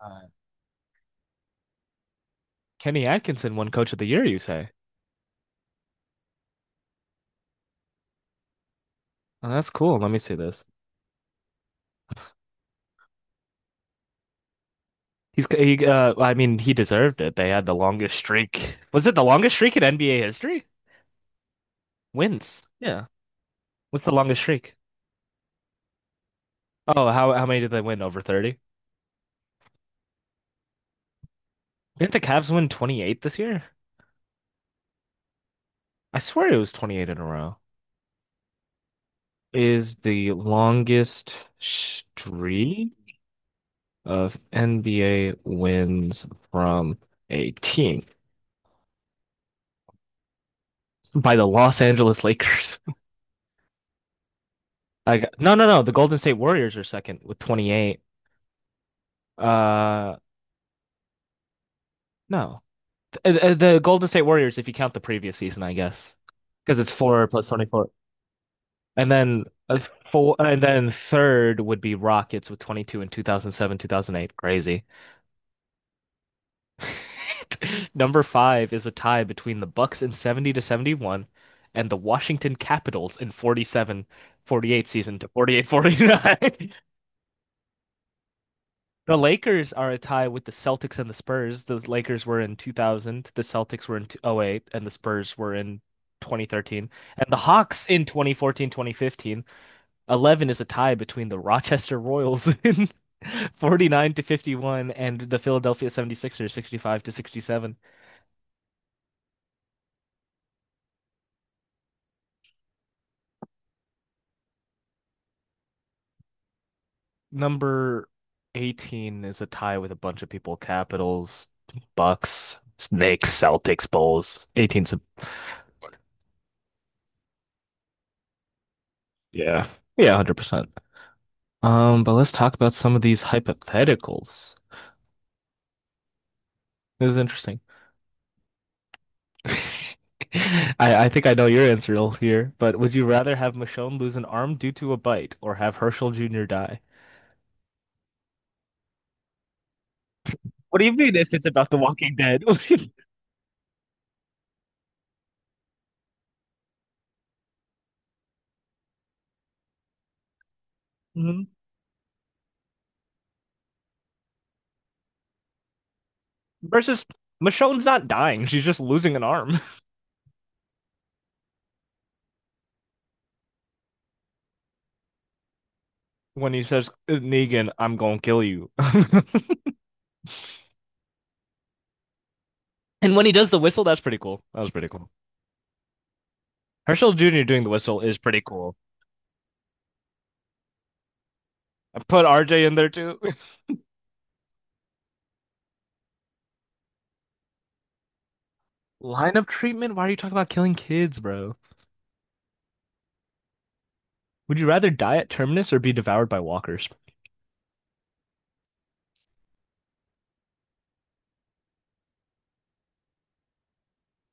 Uh, Kenny Atkinson won Coach of the Year, you say? Oh, that's cool. Let me see this. He I mean he deserved it. They had the longest streak. Was it the longest streak in NBA history? Wins. Yeah. What's the longest streak? Oh, how many did they win? Over 30? Didn't the Cavs win 28 this year? I swear it was 28 in a row. Is the longest streak of NBA wins from a team by the Los Angeles Lakers. I got, no, no, no. The Golden State Warriors are second with 28. Uh, no. The Golden State Warriors, if you count the previous season, I guess, because it's four plus 24. And then uh, four, and then third would be Rockets with 22 in 2007, 2008. Crazy. Number five is a tie between the Bucks in 70 to 71 and the Washington Capitals in '47, '48 season to '48, '49. The Lakers are a tie with the Celtics and the Spurs. The Lakers were in 2000, the Celtics were in '08, and the Spurs were in 2013. And the Hawks in 2014, 2015. 11 is a tie between the Rochester Royals in 49 to 51 and the Philadelphia 76ers 65 to 67. Number 18 is a tie with a bunch of people, Capitals, Bucks, Snakes, Celtics, Bulls. 18's a. Yeah, yeah, 100%. But let's talk about some of these hypotheticals. This is interesting. I, I think I know your answer all here, but would you rather have Michonne lose an arm due to a bite or have Herschel Jr. die? What do you mean if it's about The Walking Dead? Mhm. Versus Michonne's not dying, she's just losing an arm. When he says, Negan, I'm gonna kill you. And when he does the whistle, that's pretty cool. That was pretty cool. Herschel Jr. doing the whistle is pretty cool. I put RJ in there too. Lineup treatment? Why are you talking about killing kids, bro? Would you rather die at Terminus or be devoured by walkers?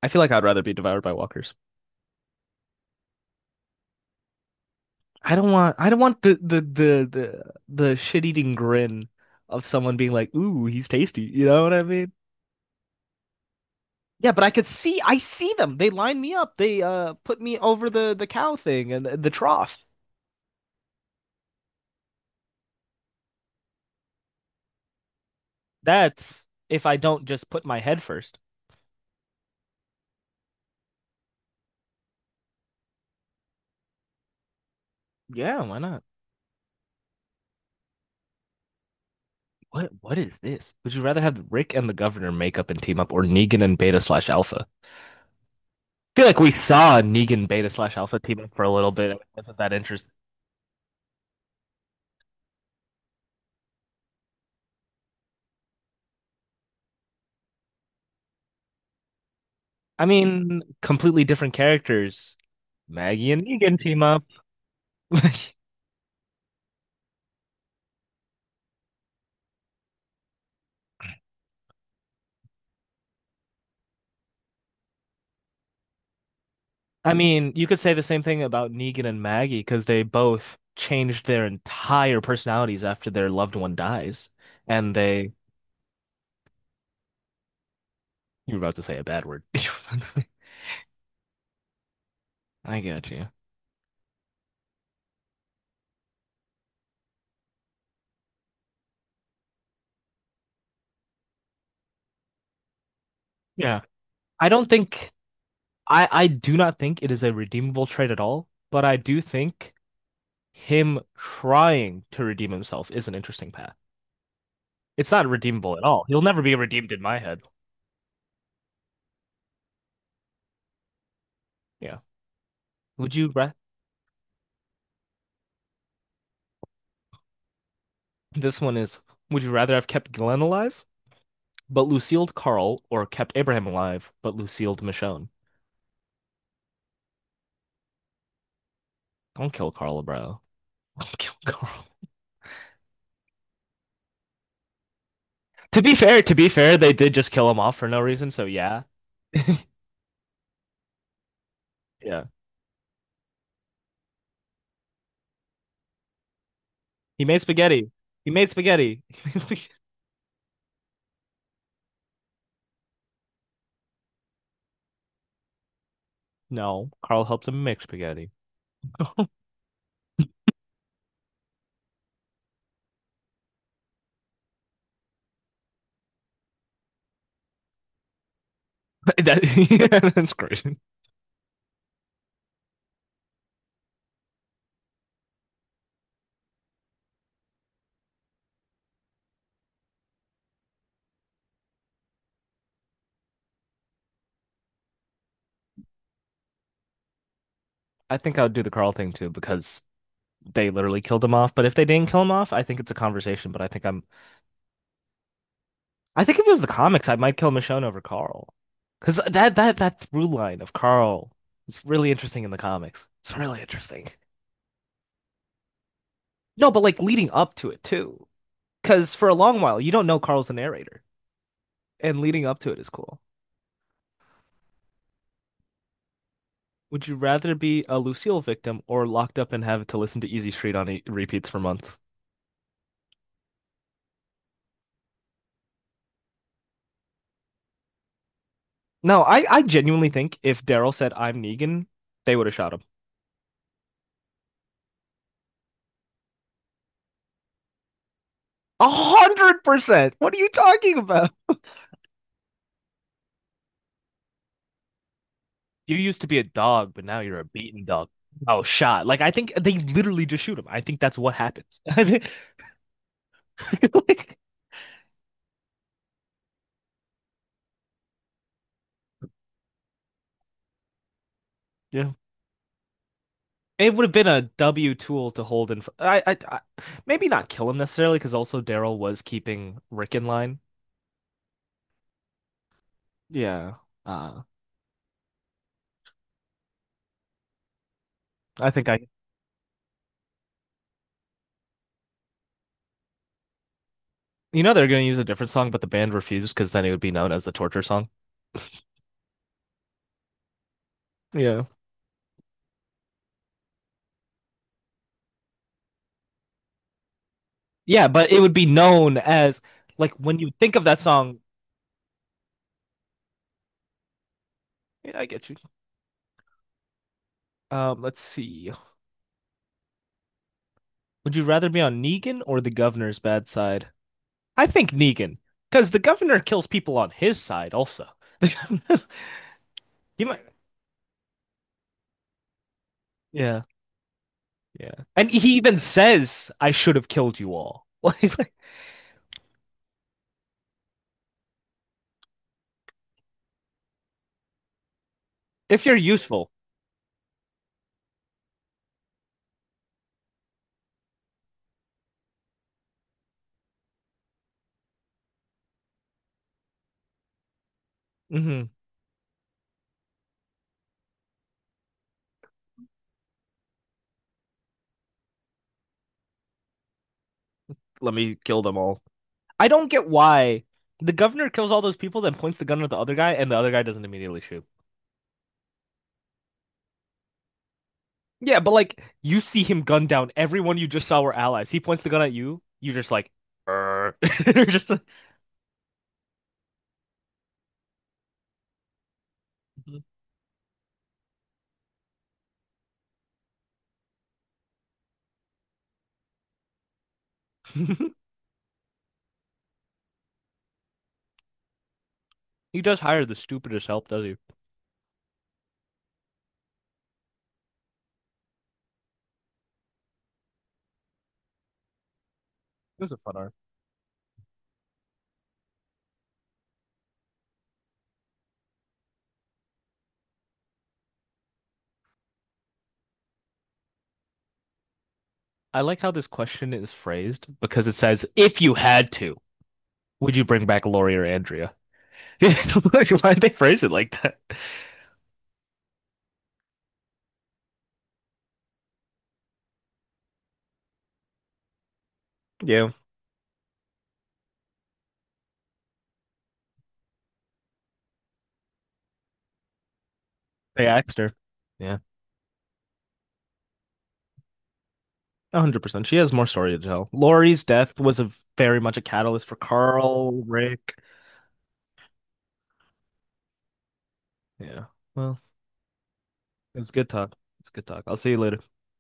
I feel like I'd rather be devoured by walkers. I don't want the shit-eating grin of someone being like, "Ooh, he's tasty." You know what I mean? Yeah, but I see them. They line me up. They put me over the cow thing and the trough. That's if I don't just put my head first. Yeah, why not? What is this? Would you rather have Rick and the governor make up and team up or Negan and Beta slash Alpha? Feel like we saw a Negan Beta slash Alpha team up for a little bit. It wasn't that interesting. I mean, completely different characters. Maggie and Negan team up. I mean, you could say the same thing about Negan and Maggie because they both changed their entire personalities after their loved one dies, and they. You were about to say a bad word. I get you. Yeah. I don't think I do not think it is a redeemable trait at all, but I do think him trying to redeem himself is an interesting path. It's not redeemable at all. He'll never be redeemed in my head. Yeah. Would you ra This one is, would you rather have kept Glenn alive but Lucille Carl or kept Abraham alive but Lucille Michonne? Don't kill Carl, bro. Don't kill Carl. To be fair, they did just kill him off for no reason, so yeah. Yeah. He made spaghetti. He made spaghetti. He made spaghetti. No, Carl helped him make spaghetti. That, yeah, that's crazy. I think I would do the Carl thing too because they literally killed him off. But if they didn't kill him off, I think it's a conversation. But I think if it was the comics, I might kill Michonne over Carl. Because that through line of Carl is really interesting in the comics. It's really interesting. No, but like leading up to it too. Because for a long while, you don't know Carl's the narrator, and leading up to it is cool. Would you rather be a Lucille victim or locked up and have to listen to Easy Street on e repeats for months? No, I genuinely think if Daryl said I'm Negan, they would have shot him. 100%. What are you talking about? You used to be a dog, but now you're a beaten dog. Oh, shot. Like I think they literally just shoot him. I think that's what happens. I think, like, yeah. It would have been a W tool to hold in. I maybe not kill him necessarily because also Daryl was keeping Rick in line. Yeah. Uh, I think I. You know they're going to use a different song, but the band refused because then it would be known as the torture song. Yeah. Yeah, but it would be known as like when you think of that song. Yeah, I get you. Let's see. Would you rather be on Negan or the governor's bad side? I think Negan, because the governor kills people on his side also. He might, yeah, yeah, and he even says, "I should have killed you all." Like, if you're useful, mhm, let me kill them all. I don't get why the governor kills all those people, then points the gun at the other guy, and the other guy doesn't immediately shoot. Yeah, but like you see him gun down everyone you just saw were allies. He points the gun at you, you just like, just like- He does hire the stupidest help, does he? It was a fun arc. I like how this question is phrased because it says, if you had to, would you bring back Lori or Andrea? Why did they phrase it like that? Yeah. They asked her. Yeah, 100%. She has more story to tell. Lori's death was a very much a catalyst for Carl, Rick. Yeah. Well, it's good talk. It's good talk. I'll see you later.